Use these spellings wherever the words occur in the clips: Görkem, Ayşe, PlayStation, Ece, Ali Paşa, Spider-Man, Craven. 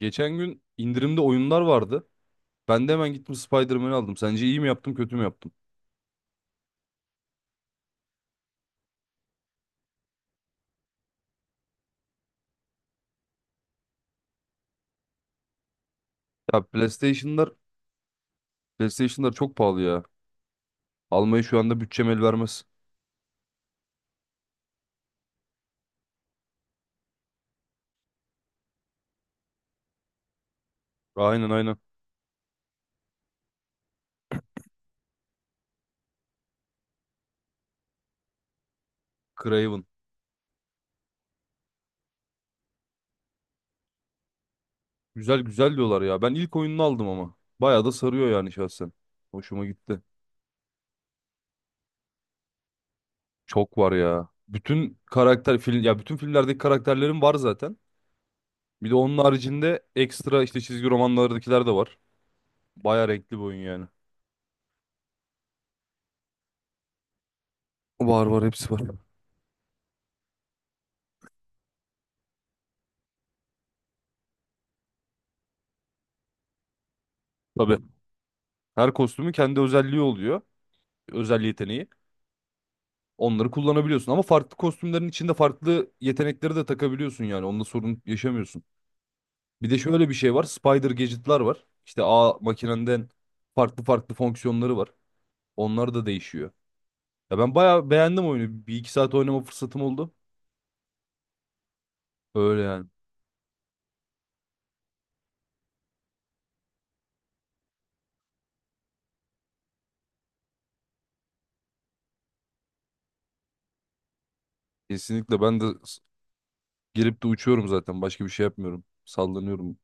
Geçen gün indirimde oyunlar vardı. Ben de hemen gittim, Spider-Man'i aldım. Sence iyi mi yaptım, kötü mü yaptım? Ya PlayStation'lar, PlayStation'lar çok pahalı ya. Almayı şu anda bütçem el vermez. Aynen aynen. Craven. Güzel güzel diyorlar ya. Ben ilk oyununu aldım ama. Bayağı da sarıyor yani şahsen. Hoşuma gitti. Çok var ya. Bütün karakter film ya bütün filmlerdeki karakterlerim var zaten. Bir de onun haricinde ekstra işte çizgi romanlardakiler de var. Bayağı renkli bir oyun yani. Var var hepsi var. Tabii. Her kostümün kendi özelliği oluyor. Özel yeteneği. Onları kullanabiliyorsun ama farklı kostümlerin içinde farklı yetenekleri de takabiliyorsun yani. Onunla sorun yaşamıyorsun. Bir de şöyle bir şey var. Spider gadget'lar var. İşte ağ makinenden farklı farklı fonksiyonları var. Onlar da değişiyor. Ya ben bayağı beğendim oyunu. Bir iki saat oynama fırsatım oldu. Öyle yani. Kesinlikle ben de gelip de uçuyorum zaten. Başka bir şey yapmıyorum. Sallanıyorum.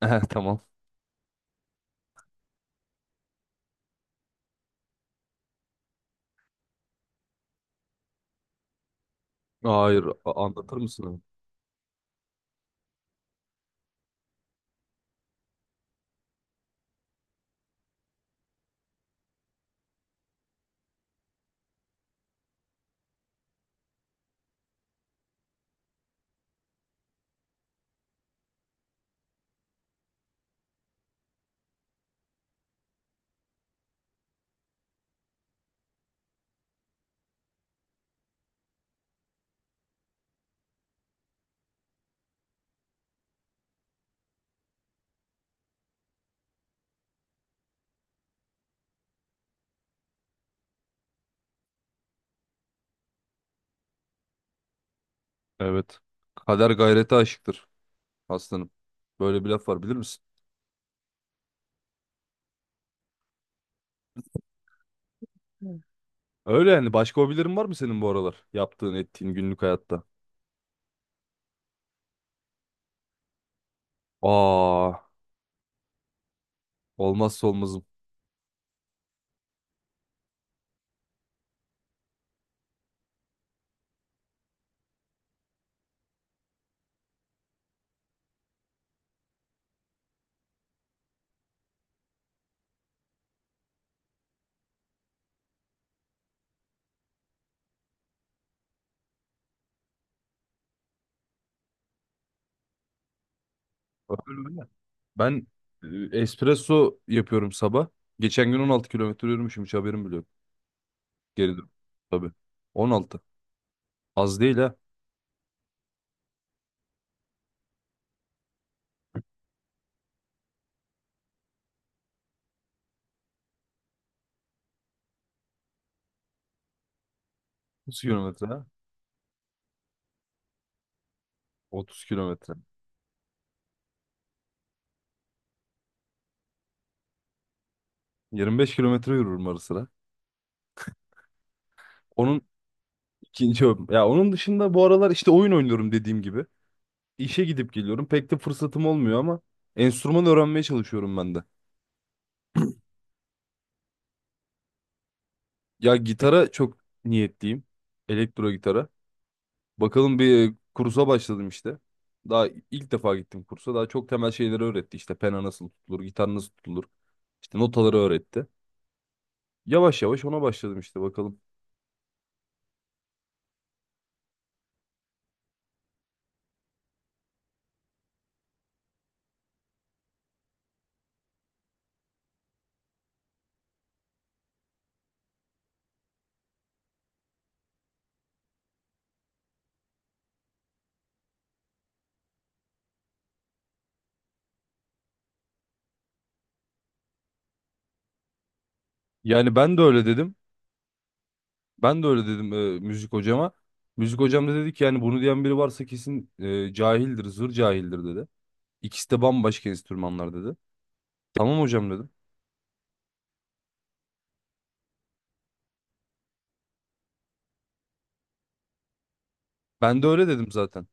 Tamam. Hayır, anlatır mısın? Evet. Kader gayrete aşıktır aslanım. Böyle bir laf var bilir misin? Öyle yani. Başka hobilerin var mı senin bu aralar? Yaptığın, ettiğin günlük hayatta. Aa, olmazsa olmazım. Öyle öyle. Ben espresso yapıyorum sabah. Geçen gün 16 kilometre yürümüşüm. Hiç haberim bile yok. Geri dön. Tabii. 16. Az değil ha. 30 kilometre ha. 30 kilometre. 25 kilometre yürürüm ara sıra. Onun ikinci hobim. Ya onun dışında bu aralar işte oyun oynuyorum dediğim gibi. İşe gidip geliyorum. Pek de fırsatım olmuyor ama enstrüman öğrenmeye çalışıyorum ben de. Ya gitara çok niyetliyim. Elektro gitara. Bakalım, bir kursa başladım işte. Daha ilk defa gittim kursa. Daha çok temel şeyleri öğretti. İşte pena nasıl tutulur, gitar nasıl tutulur. İşte notaları öğretti. Yavaş yavaş ona başladım işte bakalım. Yani ben de öyle dedim. Ben de öyle dedim müzik hocama. Müzik hocam da dedi ki yani bunu diyen biri varsa kesin cahildir, zır cahildir dedi. İkisi de bambaşka enstrümanlar dedi. Tamam hocam dedim. Ben de öyle dedim zaten.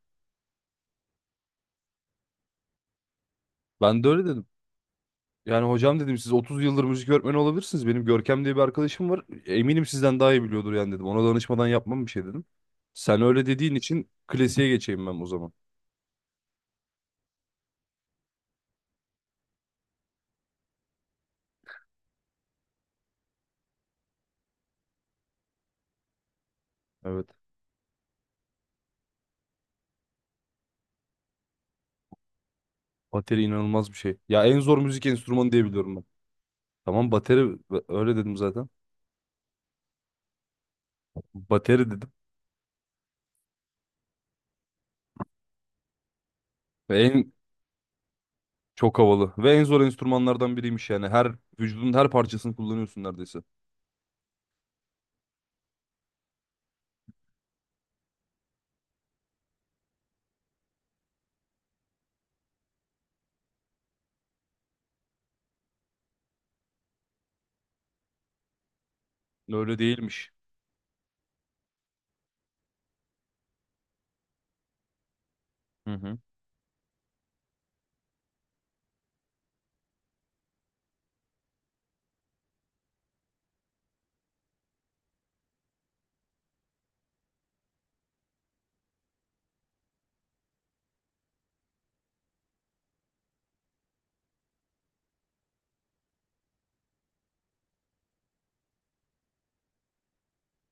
Ben de öyle dedim. Yani hocam dedim siz 30 yıldır müzik öğretmeni olabilirsiniz. Benim Görkem diye bir arkadaşım var. Eminim sizden daha iyi biliyordur yani dedim. Ona danışmadan yapmam bir şey dedim. Sen öyle dediğin için klasiğe geçeyim ben o zaman. Evet. Bateri inanılmaz bir şey. Ya en zor müzik enstrümanı diye biliyorum ben. Tamam, bateri öyle dedim zaten. Bateri dedim. Ve en çok havalı. Ve en zor enstrümanlardan biriymiş yani. Her vücudun her parçasını kullanıyorsun neredeyse. Öyle değilmiş. Hı hı.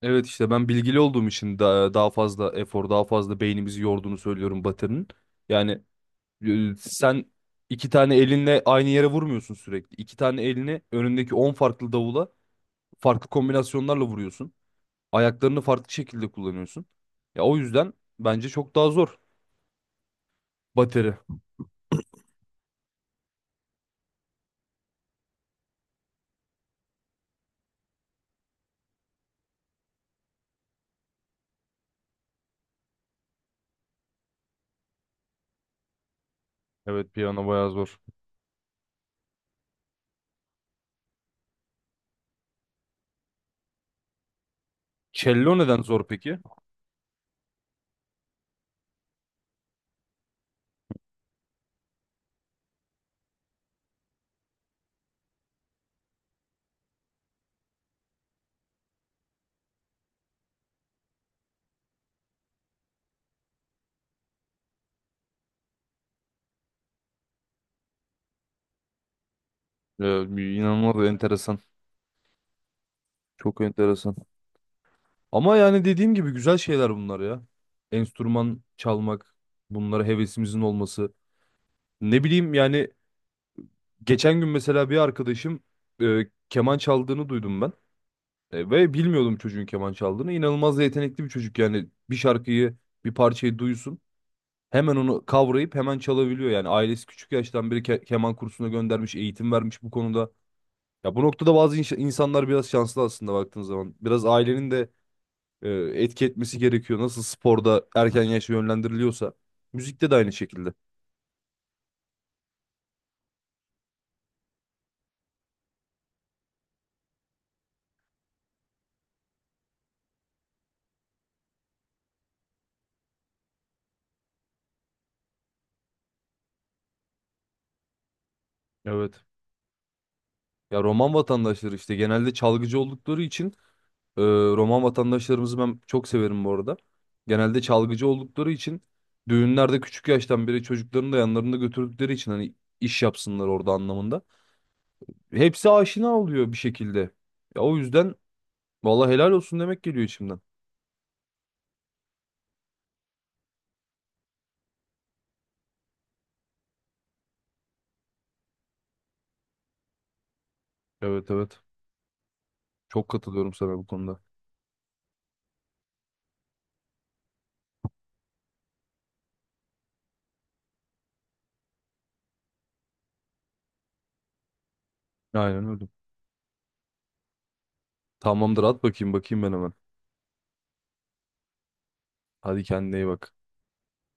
Evet işte ben bilgili olduğum için daha, daha fazla efor, daha fazla beynimizi yorduğunu söylüyorum batının. Yani sen iki tane elinle aynı yere vurmuyorsun sürekli. İki tane elini önündeki 10 farklı davula farklı kombinasyonlarla vuruyorsun. Ayaklarını farklı şekilde kullanıyorsun. Ya o yüzden bence çok daha zor bateri. Evet piyano bayağı zor. Cello neden zor peki? Ee, inanılmaz enteresan. Çok enteresan. Ama yani dediğim gibi güzel şeyler bunlar ya. Enstrüman çalmak, bunlara hevesimizin olması. Ne bileyim yani geçen gün mesela bir arkadaşım keman çaldığını duydum ben. E, ve bilmiyordum çocuğun keman çaldığını. İnanılmaz da yetenekli bir çocuk, yani bir şarkıyı, bir parçayı duysun. Hemen onu kavrayıp hemen çalabiliyor. Yani ailesi küçük yaştan beri keman kursuna göndermiş, eğitim vermiş bu konuda. Ya bu noktada bazı insanlar biraz şanslı aslında baktığın zaman. Biraz ailenin de e, etki etmesi gerekiyor. Nasıl sporda erken yaşa yönlendiriliyorsa müzikte de aynı şekilde. Evet. Ya Roman vatandaşları işte genelde çalgıcı oldukları için e, Roman vatandaşlarımızı ben çok severim bu arada. Genelde çalgıcı oldukları için düğünlerde küçük yaştan beri çocuklarını da yanlarında götürdükleri için hani iş yapsınlar orada anlamında. Hepsi aşina oluyor bir şekilde. Ya o yüzden vallahi helal olsun demek geliyor içimden. Evet evet. Çok katılıyorum sana bu konuda. Aynen öyle. Tamamdır, at bakayım bakayım ben hemen. Hadi kendine iyi bak.